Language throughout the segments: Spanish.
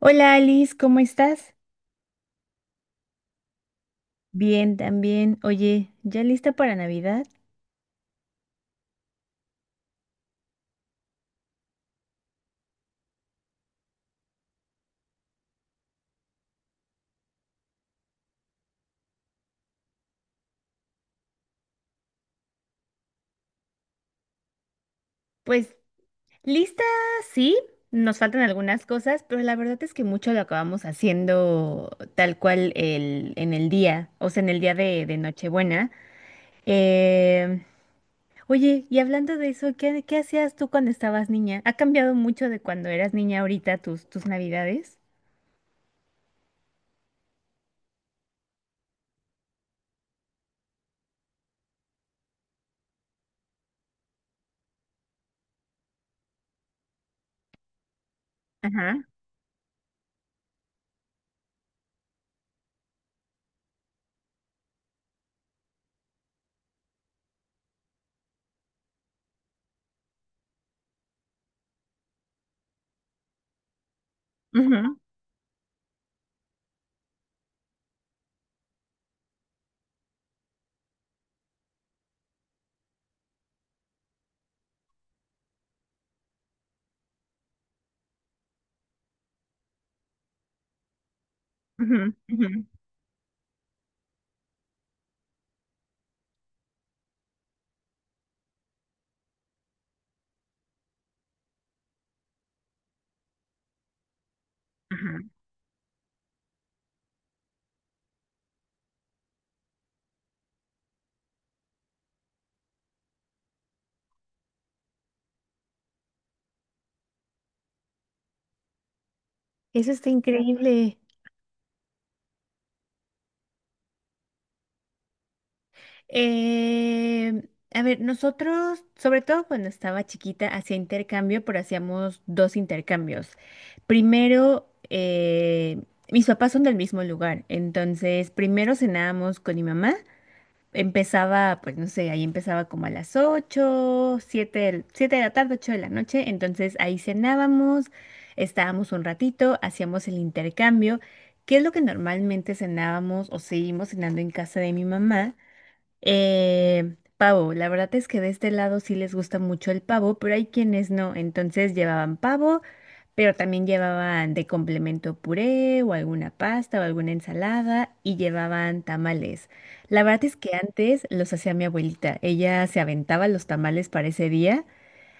Hola Alice, ¿cómo estás? Bien, también. Oye, ¿ya lista para Navidad? Pues lista, sí, nos faltan algunas cosas, pero la verdad es que mucho lo acabamos haciendo tal cual en el día, o sea, en el día de Nochebuena. Eh, Oye, y hablando de eso, ¿ qué hacías tú cuando estabas niña? ¿Ha cambiado mucho de cuando eras niña ahorita tus Navidades? Ajá, ujú, ujú, ujú, ajá. Eso está increíble. Eh, a ver, nosotros, sobre todo cuando estaba chiquita, hacía intercambio, pero hacíamos dos intercambios. Primero, mis papás son del mismo lugar, entonces primero cenábamos con mi mamá. Empezaba, pues no sé, ahí empezaba como a las 8, 7, 7 de la tarde, 8 de la noche. Entonces ahí cenábamos, estábamos un ratito, hacíamos el intercambio, que es lo que normalmente cenábamos o seguimos cenando en casa de mi mamá. Pavo, la verdad es que de este lado sí les gusta mucho el pavo, pero hay quienes no. Entonces llevaban pavo, pero también llevaban de complemento puré o alguna pasta o alguna ensalada y llevaban tamales. La verdad es que antes los hacía mi abuelita. Ella se aventaba los tamales para ese día.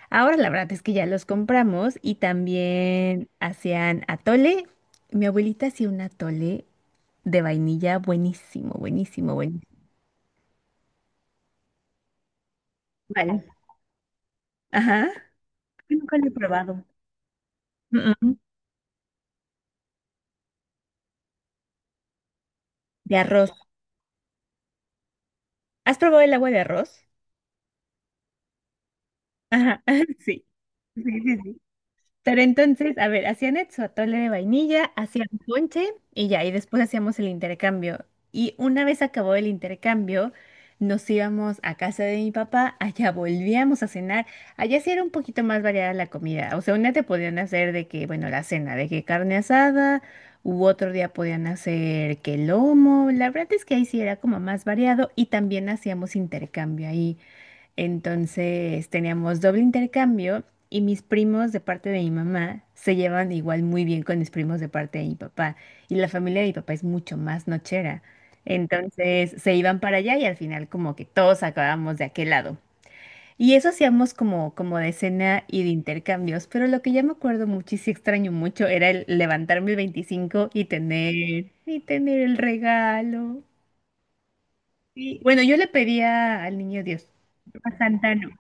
Ahora la verdad es que ya los compramos y también hacían atole. Mi abuelita hacía un atole de vainilla buenísimo, buenísimo, buenísimo. Vale. Ajá. Yo nunca lo he probado. Mm, mm. De arroz. ¿Has probado el agua de arroz? Ajá, sí. Sí, sí, sí. Pero entonces, a ver, su atole de vainilla, hacían ponche y ya, y después hacíamos el intercambio. Y una vez acabó el intercambio, nos íbamos a casa de mi papá, allá volvíamos a cenar. Allá sí era un poquito más variada la comida. O sea, un día te podían hacer de que, bueno, la cena, de que carne asada, u otro día podían hacer que lomo. La verdad es que ahí sí era como más variado y también hacíamos intercambio ahí. Entonces teníamos doble intercambio y mis primos de parte de mi mamá se llevan igual muy bien con mis primos de parte de mi papá. Y la familia de mi papá es mucho más nochera. Entonces se iban para allá y al final como que todos acabamos de aquel lado. Y eso hacíamos como, como de cena y de intercambios, pero lo que ya me acuerdo mucho y sí extraño mucho era el levantarme el 25 y y tener el regalo. Y, bueno, yo le pedía al niño Dios, a Santa, no.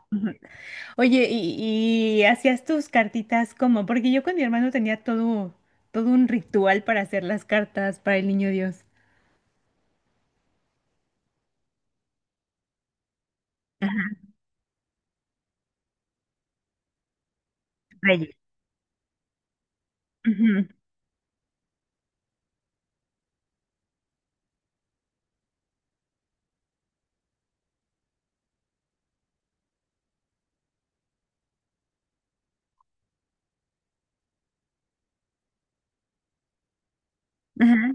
Oye, ¿ y hacías tus cartitas como? Porque yo con mi hermano tenía todo un ritual para hacer las cartas para el niño Dios. Reyes. Ujú. Ajá.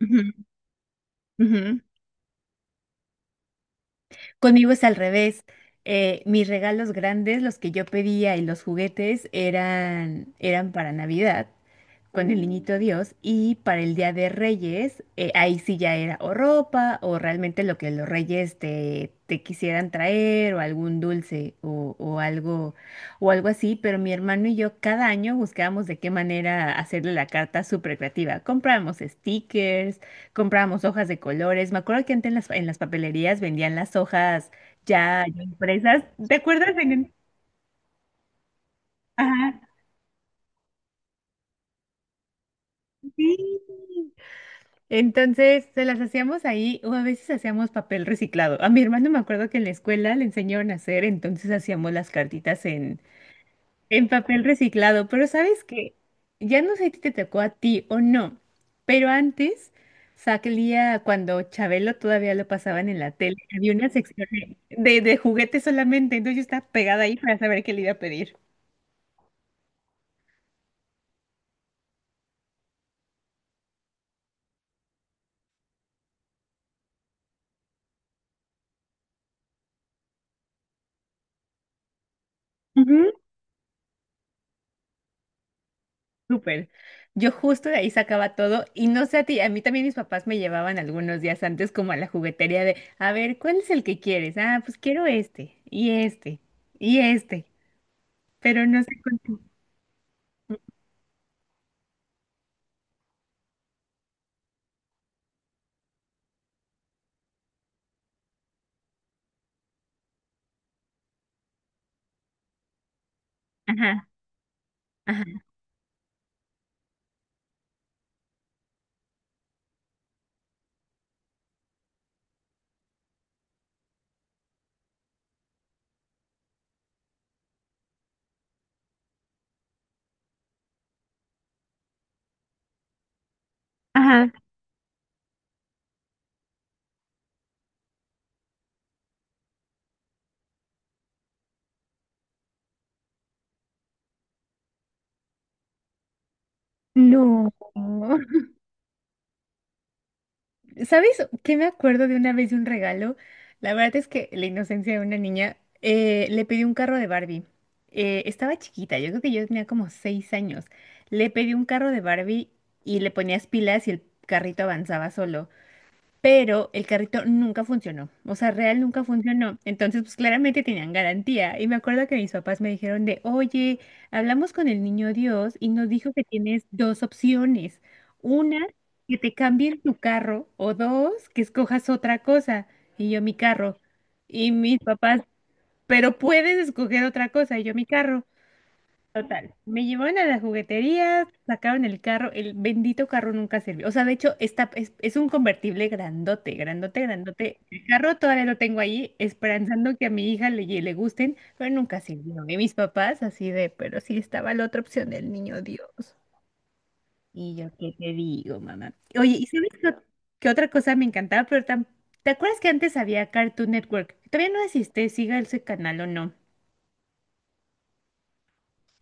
Ujú. Ujú. Conmigo es al revés. Mis regalos grandes, los que yo pedía y los juguetes eran para Navidad con el niñito Dios y para el Día de Reyes, ahí sí ya era o ropa o realmente lo que los reyes te quisieran traer o algún dulce o algo así, pero mi hermano y yo cada año buscábamos de qué manera hacerle la carta súper creativa. Comprábamos stickers, comprábamos hojas de colores. Me acuerdo que antes en en las papelerías vendían las hojas ya impresas. ¿Te acuerdas? En… Ajá, sí. Entonces se las hacíamos ahí o a veces hacíamos papel reciclado. A mi hermano me acuerdo que en la escuela le enseñaron a hacer, entonces hacíamos las cartitas en papel reciclado, pero ¿sabes que ya no sé si te tocó a ti o no, pero antes salía cuando Chabelo todavía lo pasaban en la tele, había una sección de juguetes solamente, entonces yo estaba pegada ahí para saber qué le iba a pedir? Ujú. Súper. Yo justo de ahí sacaba todo y no sé a ti, a mí también mis papás me llevaban algunos días antes como a la juguetería de, a ver, ¿cuál es el que quieres? Ah, pues quiero este y este y este, pero no sé cuánto. Ajá, ajá. Ajá. No, ¿sabes qué me acuerdo de una vez de un regalo? La verdad es que la inocencia de una niña, le pedí un carro de Barbie. Estaba chiquita, yo creo que yo tenía como 6 años. Le pedí un carro de Barbie y le ponías pilas y el carrito avanzaba solo, pero el carrito nunca funcionó, o sea, real nunca funcionó. Entonces, pues claramente tenían garantía. Y me acuerdo que mis papás me dijeron de, oye, hablamos con el niño Dios y nos dijo que tienes dos opciones. Una, que te cambien tu carro, o dos, que escojas otra cosa. Y yo mi carro. Y mis papás, pero puedes escoger otra cosa, y yo mi carro. Me llevaron a las jugueterías, sacaron el carro, el bendito carro nunca sirvió. O sea, de hecho, es un convertible grandote, grandote, grandote. El carro todavía lo tengo ahí, esperanzando que a mi hija le gusten, pero nunca sirvió. Y mis papás así de, pero sí estaba la otra opción del niño Dios. Y yo, ¿qué te digo, mamá? Oye, ¿y sabes qué otra cosa me encantaba? ¿Te acuerdas que antes había Cartoon Network? Todavía no existe, siga ese canal o no.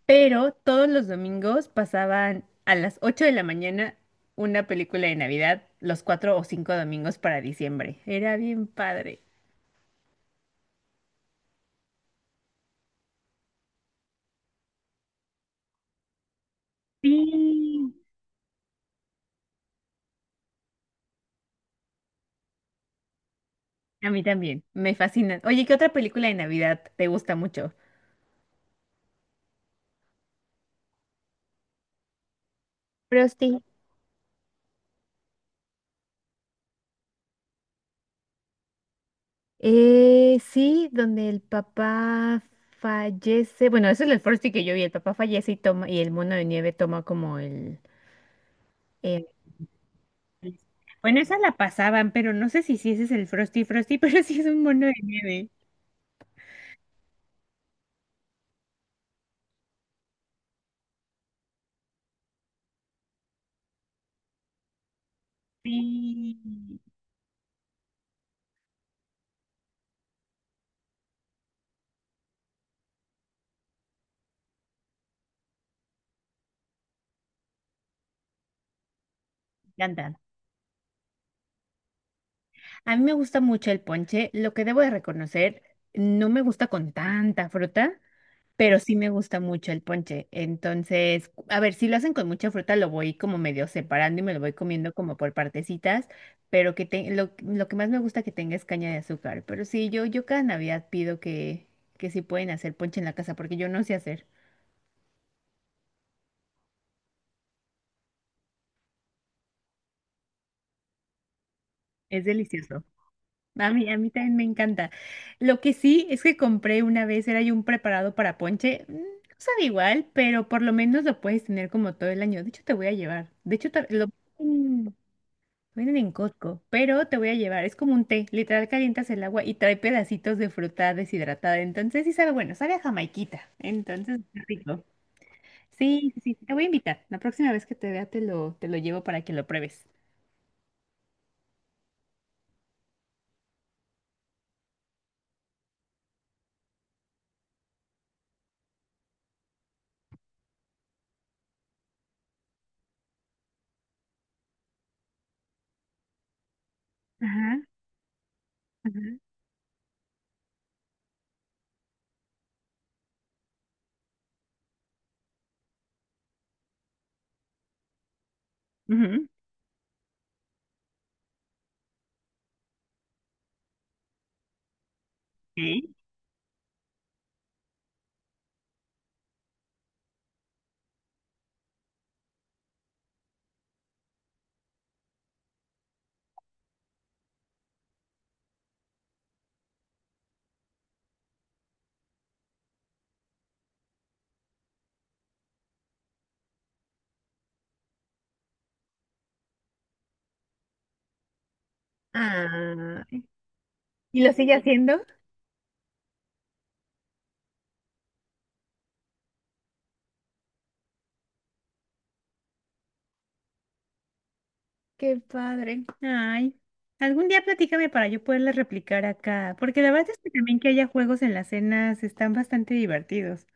Pero todos los domingos pasaban a las 8 de la mañana una película de Navidad, los cuatro o cinco domingos para diciembre. Era bien padre. Sí. A mí también, me fascina. Oye, ¿qué otra película de Navidad te gusta mucho? Frosty. Sí, donde el papá fallece. Bueno, eso es el Frosty que yo vi. El papá fallece y toma, y el mono de nieve toma como el. eh, Bueno, esa la pasaban, pero no sé si sí ese es el Frosty, pero sí es un mono de nieve. Sí, me encanta. A mí me gusta mucho el ponche. Lo que debo de reconocer, no me gusta con tanta fruta, pero sí me gusta mucho el ponche. Entonces, a ver, si lo hacen con mucha fruta, lo voy como medio separando y me lo voy comiendo como por partecitas, pero lo que más me gusta que tenga es caña de azúcar. Pero sí, yo cada Navidad pido que si pueden hacer ponche en la casa, porque yo no sé hacer. Es delicioso. A mí también me encanta. Lo que sí es que compré una vez, era yo un preparado para ponche. No sabe igual, pero por lo menos lo puedes tener como todo el año. De hecho, te voy a llevar. De hecho, lo mm, venden en Costco, pero te voy a llevar. Es como un té. Literal, calientas el agua y trae pedacitos de fruta deshidratada. Entonces, sí sabe bueno, sabe a jamaiquita. Entonces, está rico. Sí, sí, sí, te voy a invitar. La próxima vez que te vea, te lo llevo para que lo pruebes. Ajá, ajá. Ujú. Ok. Ah, ¿y lo sigue haciendo? Qué padre. Ay, algún día platícame para yo poderle replicar acá, porque la verdad es que también que haya juegos en las cenas están bastante divertidos.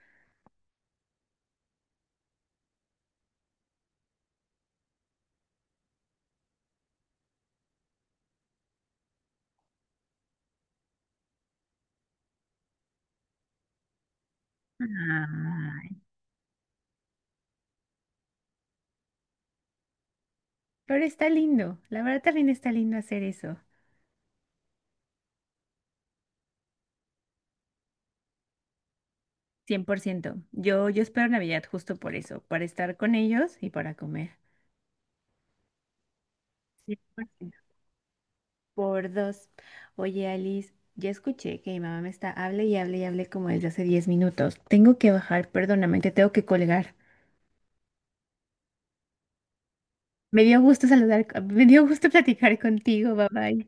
Ay, pero está lindo, la verdad también está lindo hacer eso. 100%. Yo espero Navidad justo por eso, para estar con ellos y para comer. Cien por ciento. Por dos. Oye, Alice, ya escuché que mi mamá me está, hable y hable y hable como desde hace 10 minutos. Tengo que bajar, perdóname, te tengo que colgar. Me dio gusto saludar, me dio gusto platicar contigo, bye bye.